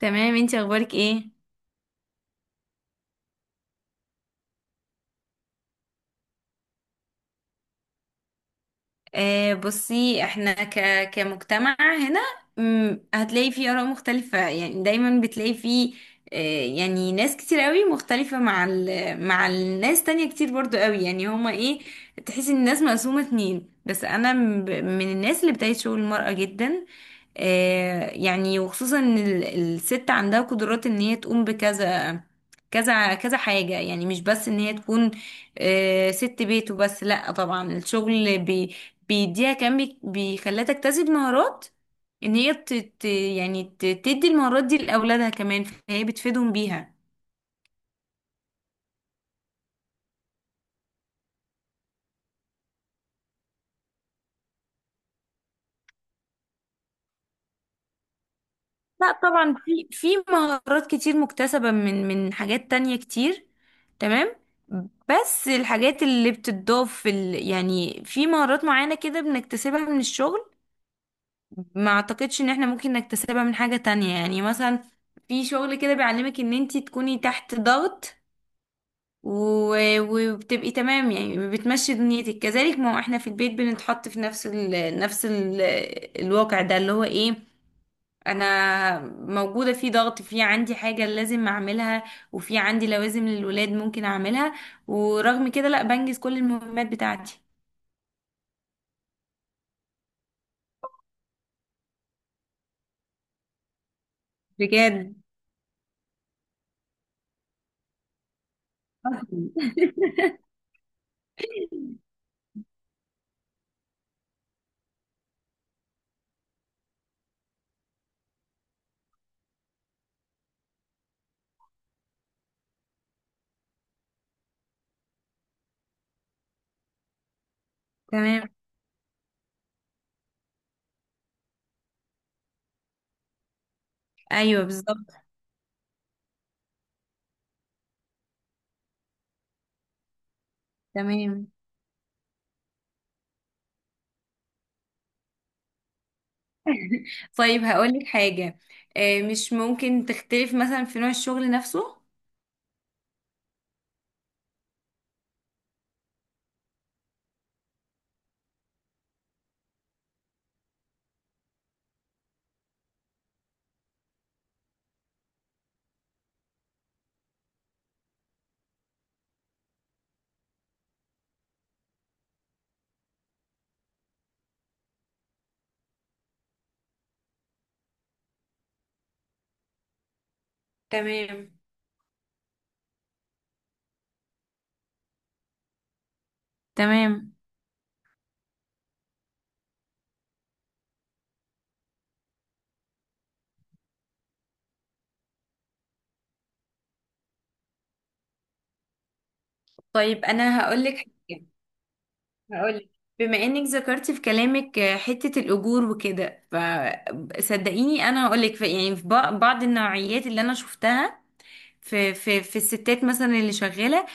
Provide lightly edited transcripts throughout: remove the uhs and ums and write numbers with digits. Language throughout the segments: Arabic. تمام، انتي اخبارك ايه؟ بصي احنا كمجتمع هنا. هتلاقي فيه آراء مختلفة، يعني دايما بتلاقي فيه. يعني ناس كتير قوي مختلفة مع الناس تانية كتير برضو قوي، يعني هما ايه، تحس ان الناس مقسومة اتنين. بس من الناس اللي بتعيش شغل المرأة جدا. يعني وخصوصا الست عندها قدرات ان هي تقوم بكذا كذا حاجة، يعني مش بس ان هي تكون ست بيت وبس. لا طبعا، الشغل بيديها كان بيخليها تكتسب مهارات، ان هي تدي المهارات دي لاولادها كمان، فهي بتفيدهم بيها. لا طبعا، في مهارات كتير مكتسبة من حاجات تانية كتير. تمام. بس الحاجات اللي بتضاف يعني في مهارات معينة كده بنكتسبها من الشغل، ما اعتقدش ان احنا ممكن نكتسبها من حاجة تانية. يعني مثلا في شغل كده بيعلمك ان انتي تكوني تحت ضغط وبتبقي تمام، يعني بتمشي دنيتك كذلك. ما هو احنا في البيت بنتحط في نفس ال الواقع ده، اللي هو ايه، انا موجودة في ضغط، في عندي حاجة لازم اعملها، وفي عندي لوازم للولاد ممكن اعملها، ورغم كده لا بنجز كل المهمات بتاعتي. بجد. تمام. ايوه بالظبط. تمام. طيب هقولك حاجة، مش ممكن تختلف مثلا في نوع الشغل نفسه؟ تمام. تمام. طيب انا هقولك حاجة، هقولك، بما انك ذكرتي في كلامك حتة الأجور وكده، فصدقيني انا هقولك في، يعني في بعض النوعيات اللي انا شفتها في الستات مثلا اللي شغالة،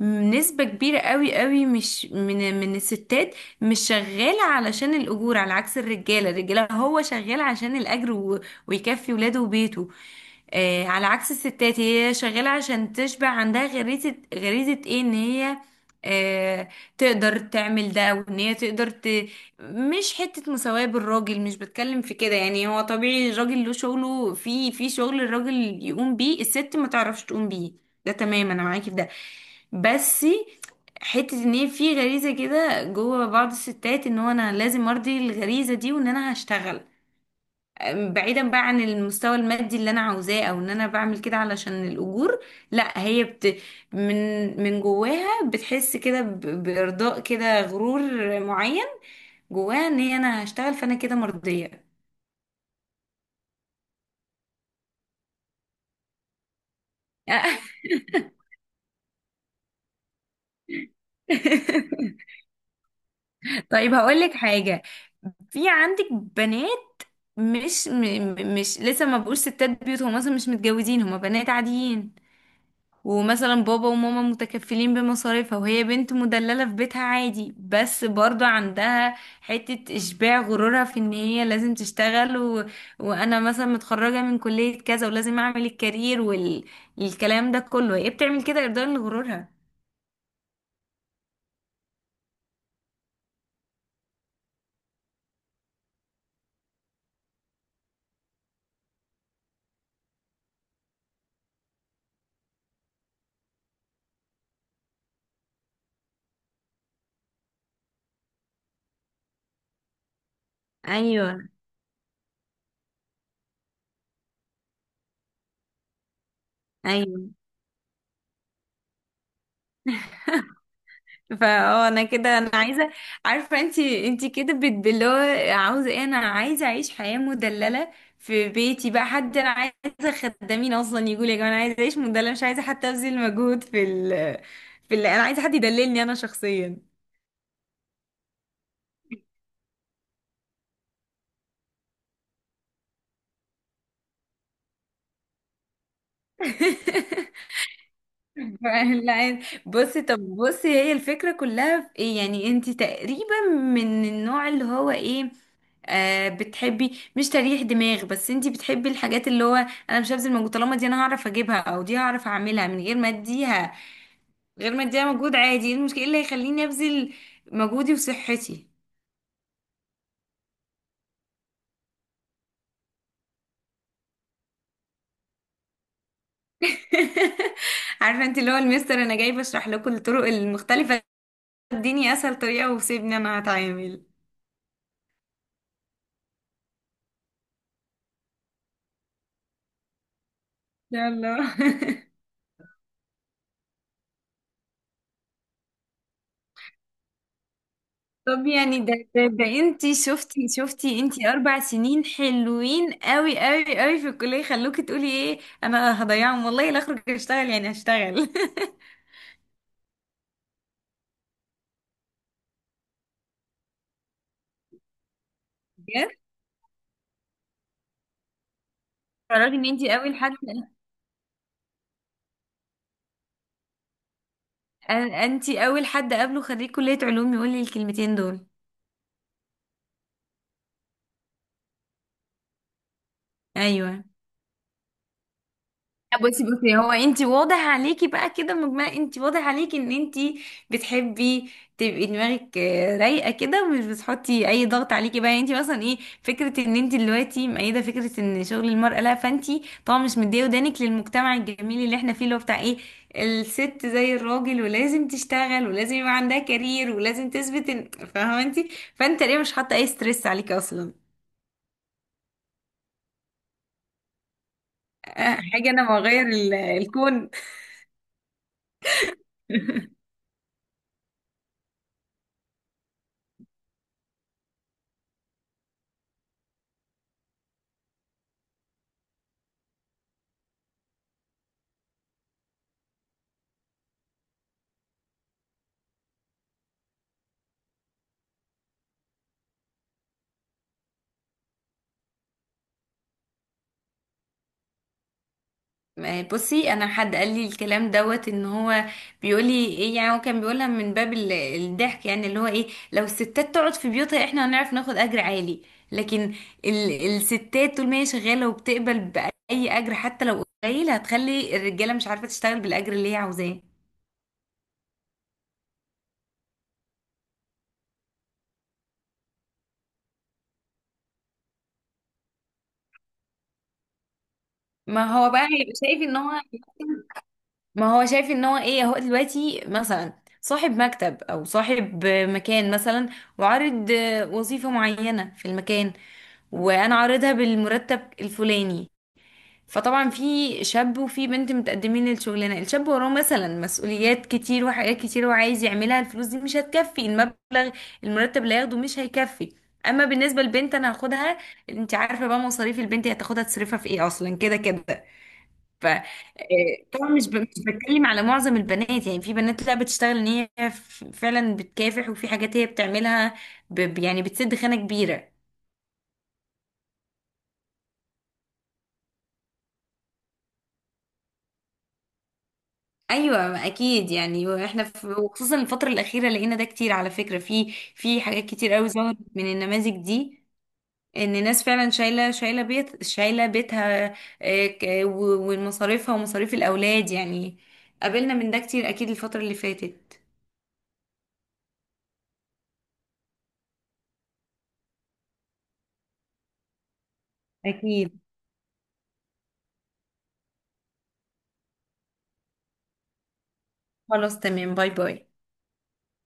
نسبة كبيرة قوي قوي مش من الستات مش شغالة علشان الأجور. على عكس الرجالة، هو شغال عشان الأجر ويكفي ولاده وبيته. آه، على عكس الستات، هي شغالة عشان تشبع عندها غريزة، ايه، ان هي آه، تقدر تعمل ده، وان هي تقدر مش حتة مساواة بالراجل، مش بتكلم في كده. يعني هو طبيعي الراجل له شغله، في شغل الراجل يقوم بيه الست ما تعرفش تقوم بيه. ده تمام، انا معاكي في ده. بس حتة ان هي في غريزة كده جوه بعض الستات، ان هو انا لازم ارضي الغريزة دي، وان انا هشتغل بعيدا بقى عن المستوى المادي اللي انا عاوزاه، او ان انا بعمل كده علشان الاجور. لا، هي بت، من من جواها بتحس كده بارضاء كده غرور معين جواها، ان هي انا هشتغل فانا كده مرضية. طيب هقولك حاجة، في عندك بنات مش مش لسه ما بقوش ستات بيوت، هم اصلا مش متجوزين، هم بنات عاديين، ومثلا بابا وماما متكفلين بمصاريفها، وهي بنت مدللة في بيتها عادي، بس برضو عندها حتة إشباع غرورها في إن هي لازم تشتغل وأنا مثلا متخرجة من كلية كذا ولازم أعمل الكارير والكلام ده كله. هي بتعمل كده إرضاء لغرورها. أيوه. أيوه. فاه انا كده انا عايزه. عارفه انت، انت كده بتبلوه، عاوزه ايه، انا عايزه اعيش حياه مدلله في بيتي بقى، حد انا عايزه خدامين اصلا. يقول يا جماعه انا عايزه اعيش مدلله، مش عايزه حتى ابذل مجهود في ال، انا عايزه حد يدللني انا شخصيا. لا. بصي، طب بصي، هي الفكره كلها في ايه؟ يعني انت تقريبا من النوع اللي هو ايه، آه، بتحبي مش تريح دماغ، بس انتي بتحبي الحاجات اللي هو، انا مش هبذل مجهود طالما دي انا هعرف اجيبها، او دي هعرف اعملها من غير ما اديها، مجهود. عادي، ايه المشكله، إيه اللي هيخليني ابذل مجهودي وصحتي؟ عارفه انت اللي هو المستر، انا جاي بشرح لكم الطرق المختلفه، اديني اسهل طريقه وسيبني انا هتعامل. يلا. طب يعني ده انتي شفتي انتي اربع سنين حلوين قوي قوي قوي في الكلية، خلوكي تقولي ايه انا هضيعهم، والله لا اخرج اشتغل، يعني هشتغل. بجد. تعرفي ان انتي اول حد، انتي اول حد قابله خريج كلية علوم يقول لي الكلمتين دول. ايوه. بصي هو انت واضح عليكي بقى كده، مجمله انت واضح عليكي ان انت بتحبي تبقي دماغك رايقه كده، ومش بتحطي اي ضغط عليكي بقى. يعني انت مثلا ايه فكره ان انت دلوقتي مؤيده فكره ان شغل المراه لا، فانت طبعا مش مديه ودانك للمجتمع الجميل اللي احنا فيه، اللي هو بتاع ايه، الست زي الراجل ولازم تشتغل ولازم يبقى عندها كارير ولازم تثبت ان، فاهمه انت، فانت ليه مش حاطه اي ستريس عليكي اصلا؟ حاجه انا بغير الكون. بصي انا حد قال لي الكلام دوت، ان هو بيقول لي ايه، يعني هو كان بيقولها من باب الضحك، يعني اللي هو ايه، لو الستات تقعد في بيوتها احنا هنعرف ناخد اجر عالي. لكن الستات طول ما هي شغاله وبتقبل باي اجر حتى لو قليل، هتخلي الرجاله مش عارفه تشتغل بالاجر اللي هي عاوزاه. ما هو بقى هيبقى شايف ان هو، ما هو شايف ان هو ايه، هو دلوقتي مثلا صاحب مكتب او صاحب مكان مثلا، وعارض وظيفة معينة في المكان، وانا عارضها بالمرتب الفلاني، فطبعا في شاب وفي بنت متقدمين للشغلانه. الشاب وراه مثلا مسؤوليات كتير وحاجات كتير وعايز يعملها، الفلوس دي مش هتكفي، المبلغ، المرتب اللي هياخده مش هيكفي. اما بالنسبه للبنت، انا هاخدها، انت عارفه بقى مصاريف البنت، هتاخدها تصرفها في ايه اصلا كده كده. ف طبعا مش بتكلم على معظم البنات، يعني في بنات لا بتشتغل ان هي فعلا بتكافح، وفي حاجات هي بتعملها يعني بتسد خانة كبيرة. ايوه اكيد، يعني واحنا في، وخصوصا الفترة الأخيرة لقينا ده كتير على فكرة، في حاجات كتير قوي ظهرت من النماذج دي، ان ناس فعلا شايله شايله بيتها ومصاريفها ومصاريف الاولاد، يعني قابلنا من ده كتير اكيد الفترة اللي فاتت. اكيد. خلاص تمام، باي باي.